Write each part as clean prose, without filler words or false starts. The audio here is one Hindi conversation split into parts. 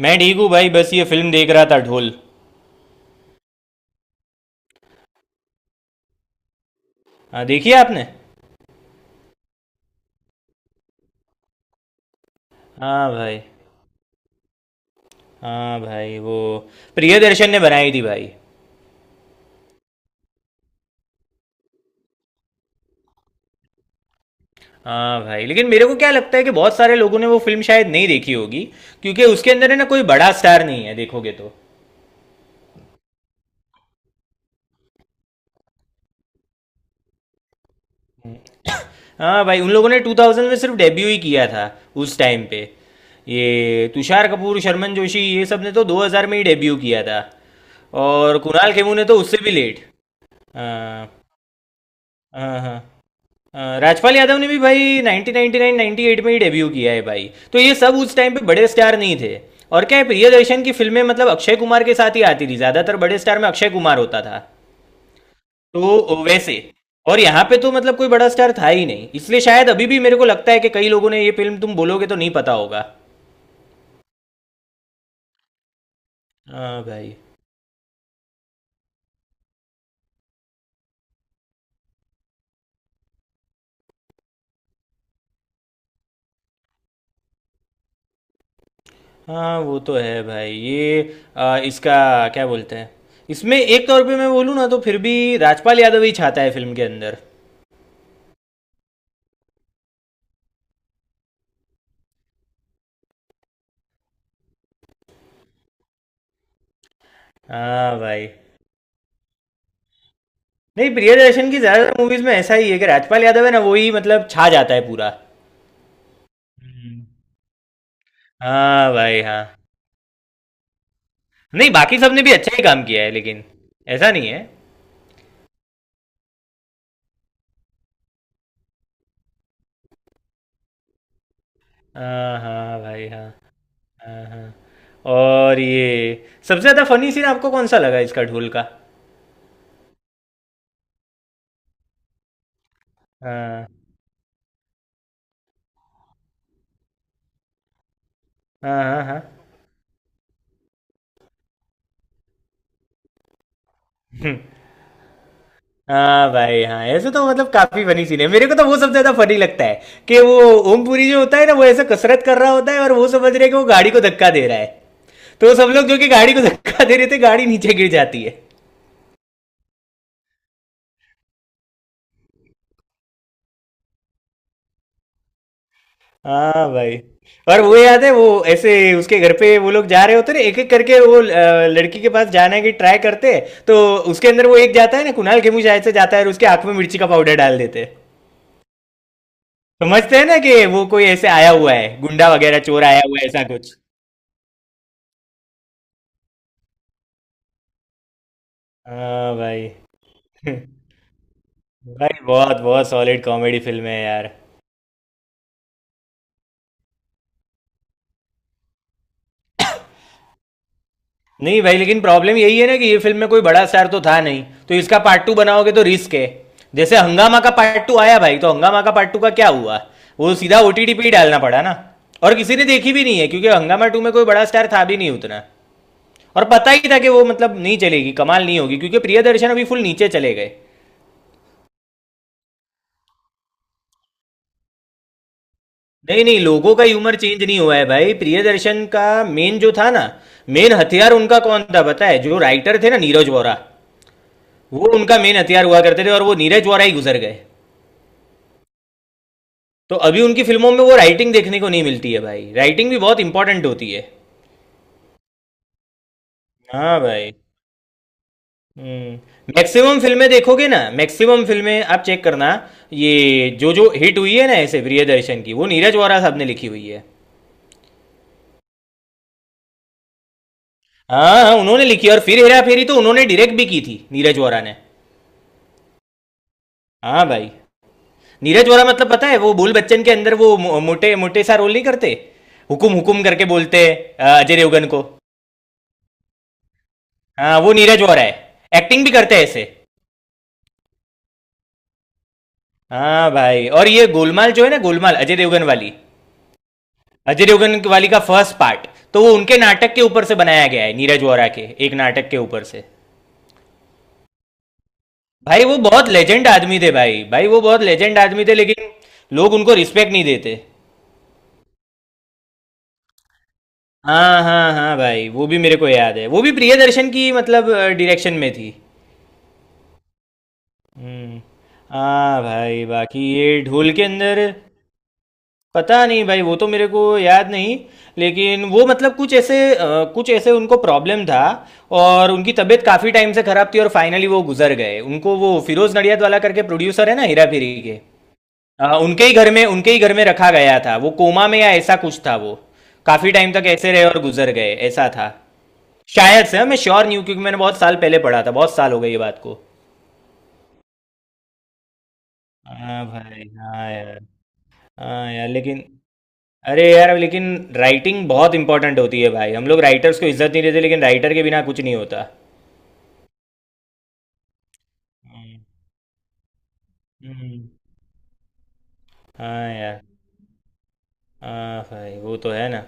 मैं ठीक हूँ भाई। बस ये फिल्म देख रहा था, ढोल। हाँ, देखी है आपने? हाँ भाई। हाँ भाई वो प्रियदर्शन ने बनाई थी भाई। हाँ भाई, लेकिन मेरे को क्या लगता है कि बहुत सारे लोगों ने वो फिल्म शायद नहीं देखी होगी, क्योंकि उसके अंदर है ना, कोई बड़ा स्टार नहीं है देखोगे तो। हाँ भाई, उन लोगों ने 2000 में सिर्फ डेब्यू ही किया था उस टाइम पे। ये तुषार कपूर, शर्मन जोशी, ये सब ने तो 2000 में ही डेब्यू किया था। और कुणाल खेमू ने तो उससे भी लेट। हाँ हाँ हाँ। राजपाल यादव ने भी भाई 1999 98 में ही डेब्यू किया है भाई, तो ये सब उस टाइम पे बड़े स्टार नहीं थे। और क्या है, प्रियदर्शन की फिल्में मतलब अक्षय कुमार के साथ ही आती थी ज्यादातर, बड़े स्टार में अक्षय कुमार होता था। तो वैसे, और यहाँ पे तो मतलब कोई बड़ा स्टार था ही नहीं, इसलिए शायद अभी भी मेरे को लगता है कि कई लोगों ने ये फिल्म तुम बोलोगे तो नहीं पता होगा। हाँ भाई। हाँ, वो तो है भाई। ये इसका क्या बोलते हैं, इसमें एक तौर पे मैं बोलूँ ना तो फिर भी राजपाल यादव ही छाता है फिल्म के अंदर। हाँ भाई। नहीं, प्रियदर्शन की ज्यादातर मूवीज में ऐसा ही है कि राजपाल यादव है ना, वो ही मतलब छा जाता है पूरा। हम्म। हाँ भाई हाँ। नहीं, बाकी सबने भी अच्छा ही काम किया है लेकिन ऐसा नहीं है। हाँ हाँ भाई हाँ। हाँ हाँ। और ये सबसे ज्यादा फनी सीन आपको कौन सा लगा इसका, ढोल का? हाँ हाँ हाँ हाँ। हम्म। हाँ भाई हाँ, ऐसे तो मतलब काफी फनी सीन है, मेरे को तो वो सबसे ज्यादा फनी लगता है, कि वो ओमपुरी जो होता है ना, वो ऐसे कसरत कर रहा होता है, और वो समझ रहे हैं कि वो गाड़ी को धक्का दे रहा है, तो सब लोग जो कि गाड़ी को धक्का दे रहे थे, गाड़ी नीचे गिर जाती है। हाँ भाई। और वो याद है, वो ऐसे उसके घर पे वो लोग जा रहे होते ना, एक एक करके वो लड़की के पास जाने की ट्राई करते हैं, तो उसके अंदर वो एक जाता है ना, कुणाल खेमू शायद से जाता है, और उसके आंख में मिर्ची का पाउडर डाल देते हैं। समझते हैं ना कि वो कोई ऐसे आया हुआ है, गुंडा वगैरह, चोर आया हुआ है, ऐसा कुछ। हाँ भाई भाई बहुत, बहुत सॉलिड कॉमेडी फिल्म है यार। नहीं भाई, लेकिन प्रॉब्लम यही है ना कि ये फिल्म में कोई बड़ा स्टार तो था नहीं, तो इसका पार्ट टू बनाओगे तो रिस्क है। जैसे हंगामा का पार्ट टू आया भाई, तो हंगामा का पार्ट टू का क्या हुआ? वो सीधा ओटीटी पे ही डालना पड़ा ना। और किसी ने देखी भी नहीं है, क्योंकि हंगामा टू में कोई बड़ा स्टार था भी नहीं उतना। और पता ही था कि वो मतलब नहीं चलेगी, कमाल नहीं होगी, क्योंकि प्रियदर्शन अभी फुल नीचे चले गए। नहीं नहीं, लोगों का ह्यूमर चेंज नहीं हुआ है भाई, प्रियदर्शन का मेन जो था ना, मेन हथियार उनका कौन था पता है? जो राइटर थे ना, नीरज वोरा। वो उनका मेन हथियार हुआ करते थे, और वो नीरज वोरा ही गुजर गए। तो अभी उनकी फिल्मों में वो राइटिंग देखने को नहीं मिलती है भाई, राइटिंग भी बहुत इंपॉर्टेंट होती है। हाँ भाई। हम्म। मैक्सिमम फिल्में देखोगे ना, मैक्सिमम फिल्में आप चेक करना, ये जो जो हिट हुई है ना ऐसे प्रियदर्शन की, वो नीरज वोरा साहब ने लिखी हुई है। हाँ हाँ, उन्होंने लिखी है। और फिर हेरा फेरी तो उन्होंने डायरेक्ट भी की थी, नीरज वोरा ने। हाँ भाई। नीरज वोरा मतलब पता है, वो बोल बच्चन के अंदर वो मोटे मोटे सा रोल नहीं करते, हुकुम हुकुम करके बोलते हैं अजय देवगन को। हाँ, वो नीरज वोरा है। एक्टिंग भी करते हैं ऐसे। हाँ भाई। और ये गोलमाल जो है ना, गोलमाल अजय देवगन वाली, अजय देवगन वाली का फर्स्ट पार्ट, तो वो उनके नाटक के ऊपर से बनाया गया है, नीरज वोरा के एक नाटक के ऊपर से। भाई वो बहुत लेजेंड आदमी थे भाई, भाई वो बहुत लेजेंड आदमी थे, लेकिन लोग उनको रिस्पेक्ट नहीं देते। हाँ हाँ हाँ भाई, वो भी मेरे को याद है, वो भी प्रियदर्शन की मतलब डायरेक्शन में थी। हम्म। हाँ भाई, बाकी ये ढोल के अंदर, पता नहीं भाई, वो तो मेरे को याद नहीं, लेकिन वो मतलब कुछ ऐसे कुछ ऐसे उनको प्रॉब्लम था, और उनकी तबीयत काफ़ी टाइम से ख़राब थी, और फाइनली वो गुजर गए। उनको वो फिरोज़ नडियाद वाला करके प्रोड्यूसर है ना हीरा फेरी के, उनके ही घर में, उनके ही घर में रखा गया था। वो कोमा में या ऐसा कुछ था वो, काफ़ी टाइम तक ऐसे रहे और गुजर गए, ऐसा था शायद से। हाँ, मैं श्योर नहीं हूँ, क्योंकि मैंने बहुत साल पहले पढ़ा था, बहुत साल हो गए ये बात को। हाँ भाई। हाँ यार। हाँ यार, लेकिन, अरे यार लेकिन राइटिंग बहुत इंपॉर्टेंट होती है भाई, हम लोग राइटर्स को इज्जत नहीं देते, लेकिन राइटर के बिना कुछ नहीं होता। हम्म। हम्म। हाँ यार। हाँ भाई, वो तो है ना।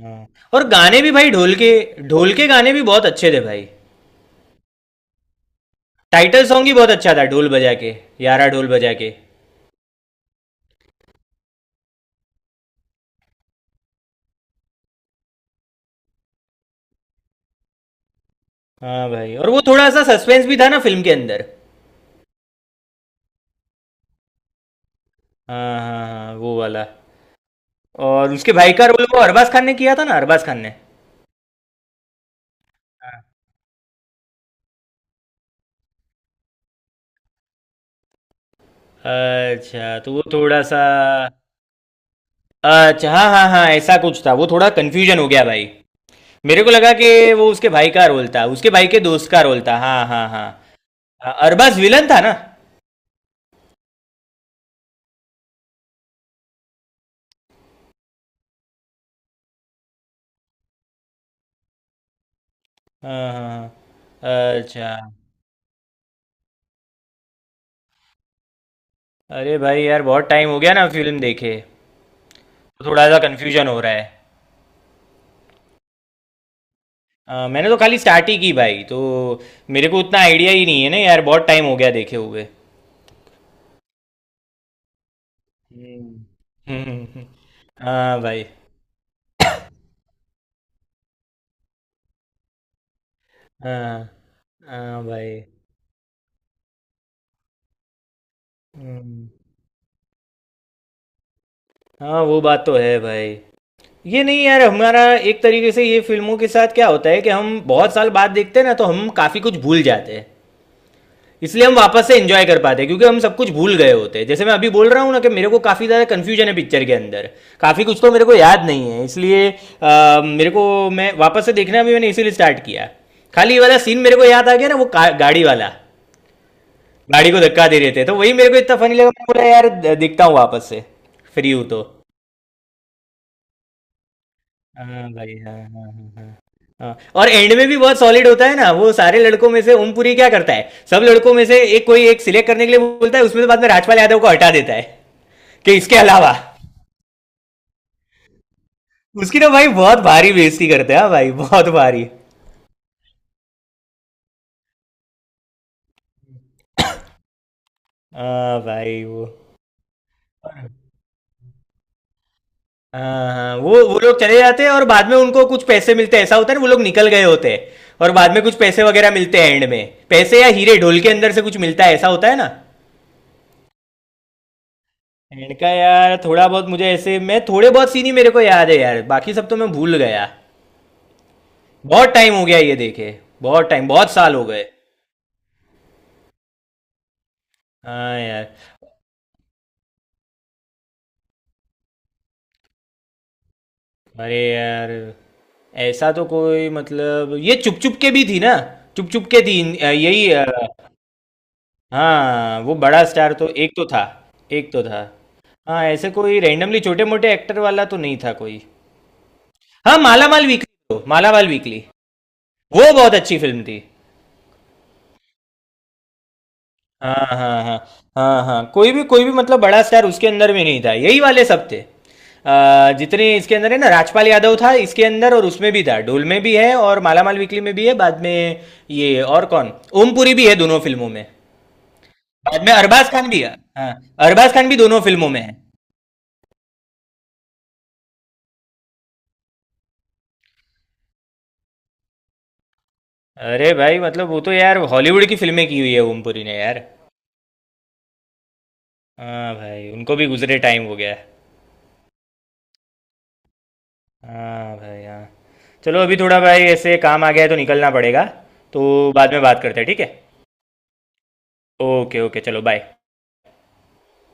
हाँ। और गाने भी भाई, ढोल के, ढोल के गाने भी बहुत अच्छे थे भाई। टाइटल सॉन्ग ही बहुत अच्छा था, ढोल बजा के, यारा ढोल बजा के। हाँ भाई, और वो थोड़ा सा सस्पेंस भी था ना फिल्म के अंदर। हाँ हाँ हाँ, वो वाला। और उसके भाई का रोल वो अरबाज खान ने किया था ना, अरबाज खान ने। हाँ। अच्छा, तो वो थोड़ा सा, अच्छा हाँ हाँ हाँ, ऐसा कुछ था, वो थोड़ा कंफ्यूजन हो गया भाई। मेरे को लगा कि वो उसके भाई का रोल था, उसके भाई के दोस्त का रोल था। हाँ हाँ हाँ। हाँ, अरबाज विलन था ना। हाँ हाँ हाँ। अच्छा। अरे भाई यार बहुत टाइम हो गया ना फिल्म देखे, तो थोड़ा सा कंफ्यूजन हो रहा है। मैंने तो खाली स्टार्ट ही की भाई, तो मेरे को उतना आइडिया ही नहीं है ना यार, बहुत टाइम हो गया देखे हुए। हम्म हम्म। हाँ भाई हाँ। हाँ भाई। हम्म। हाँ, वो बात तो है भाई, ये नहीं यार, हमारा एक तरीके से ये फिल्मों के साथ क्या होता है कि हम बहुत साल बाद देखते हैं ना, तो हम काफ़ी कुछ भूल जाते हैं। इसलिए हम वापस से एंजॉय कर पाते हैं, क्योंकि हम सब कुछ भूल गए होते हैं। जैसे मैं अभी बोल रहा हूँ ना कि मेरे को काफ़ी ज़्यादा कन्फ्यूजन है पिक्चर के अंदर, काफ़ी कुछ तो मेरे को याद नहीं है, इसलिए मेरे को, मैं वापस से देखना भी मैंने इसीलिए स्टार्ट किया। खाली ये वाला सीन मेरे को याद आ गया ना, वो गाड़ी वाला, गाड़ी को धक्का दे रहे थे, तो वही मेरे को इतना फनी लगा, मैं बोला यार देखता हूँ वापस से, फ्री हूँ तो। हाँ भाई, हाँ हाँ हाँ हाँ। हाँ। और एंड में भी बहुत सॉलिड होता है ना, वो सारे लड़कों में से ओमपुरी क्या करता है, सब लड़कों में से एक, कोई एक सिलेक्ट करने के लिए बोलता है, उसमें से बाद में राजपाल यादव को हटा देता है कि इसके अलावा। उसकी ना भाई बहुत भारी बेइज्जती करते हैं, हाँ भाई बहुत भारी। हाँ भाई, वो। हाँ हाँ, वो लोग चले जाते हैं, और बाद में उनको कुछ पैसे मिलते हैं, ऐसा होता है ना, वो लोग निकल गए होते हैं, और बाद में कुछ पैसे वगैरह मिलते हैं एंड में। पैसे या हीरे ढोल के अंदर से कुछ मिलता है, ऐसा होता है ना। एंड का यार थोड़ा बहुत मुझे, ऐसे मैं थोड़े बहुत सीन ही मेरे को याद है यार, बाकी सब तो मैं भूल गया, बहुत टाइम हो गया ये देखे, बहुत टाइम, बहुत साल हो गए। हाँ यार। अरे यार ऐसा तो कोई मतलब, ये चुप चुप के भी थी ना, चुप चुप के थी, यही हाँ, वो बड़ा स्टार तो एक तो था, एक तो था। हाँ, ऐसे कोई रैंडमली छोटे मोटे एक्टर वाला तो नहीं था कोई। हाँ, मालामाल वीकली, मालामाल वीकली, वो बहुत अच्छी फिल्म थी। हाँ, हाँ, हाँ। हाँ, हाँ। कोई भी, कोई भी मतलब बड़ा स्टार उसके अंदर में नहीं था, यही वाले सब थे। जितने इसके अंदर है ना, राजपाल यादव था इसके अंदर और उसमें भी था, ढोल में भी है और माला माल वीकली में भी है बाद में। ये और कौन, ओमपुरी भी है दोनों फिल्मों में। बाद में अरबाज खान भी है। हाँ, अरबाज खान भी दोनों फिल्मों में है। अरे भाई मतलब वो तो यार हॉलीवुड की फिल्में की हुई है ओमपुरी ने यार। हाँ भाई, उनको भी गुजरे टाइम हो गया। हाँ भाई हाँ। चलो अभी थोड़ा भाई ऐसे काम आ गया है तो निकलना पड़ेगा, तो बाद में बात करते हैं ठीक है? ओके ओके, चलो बाय।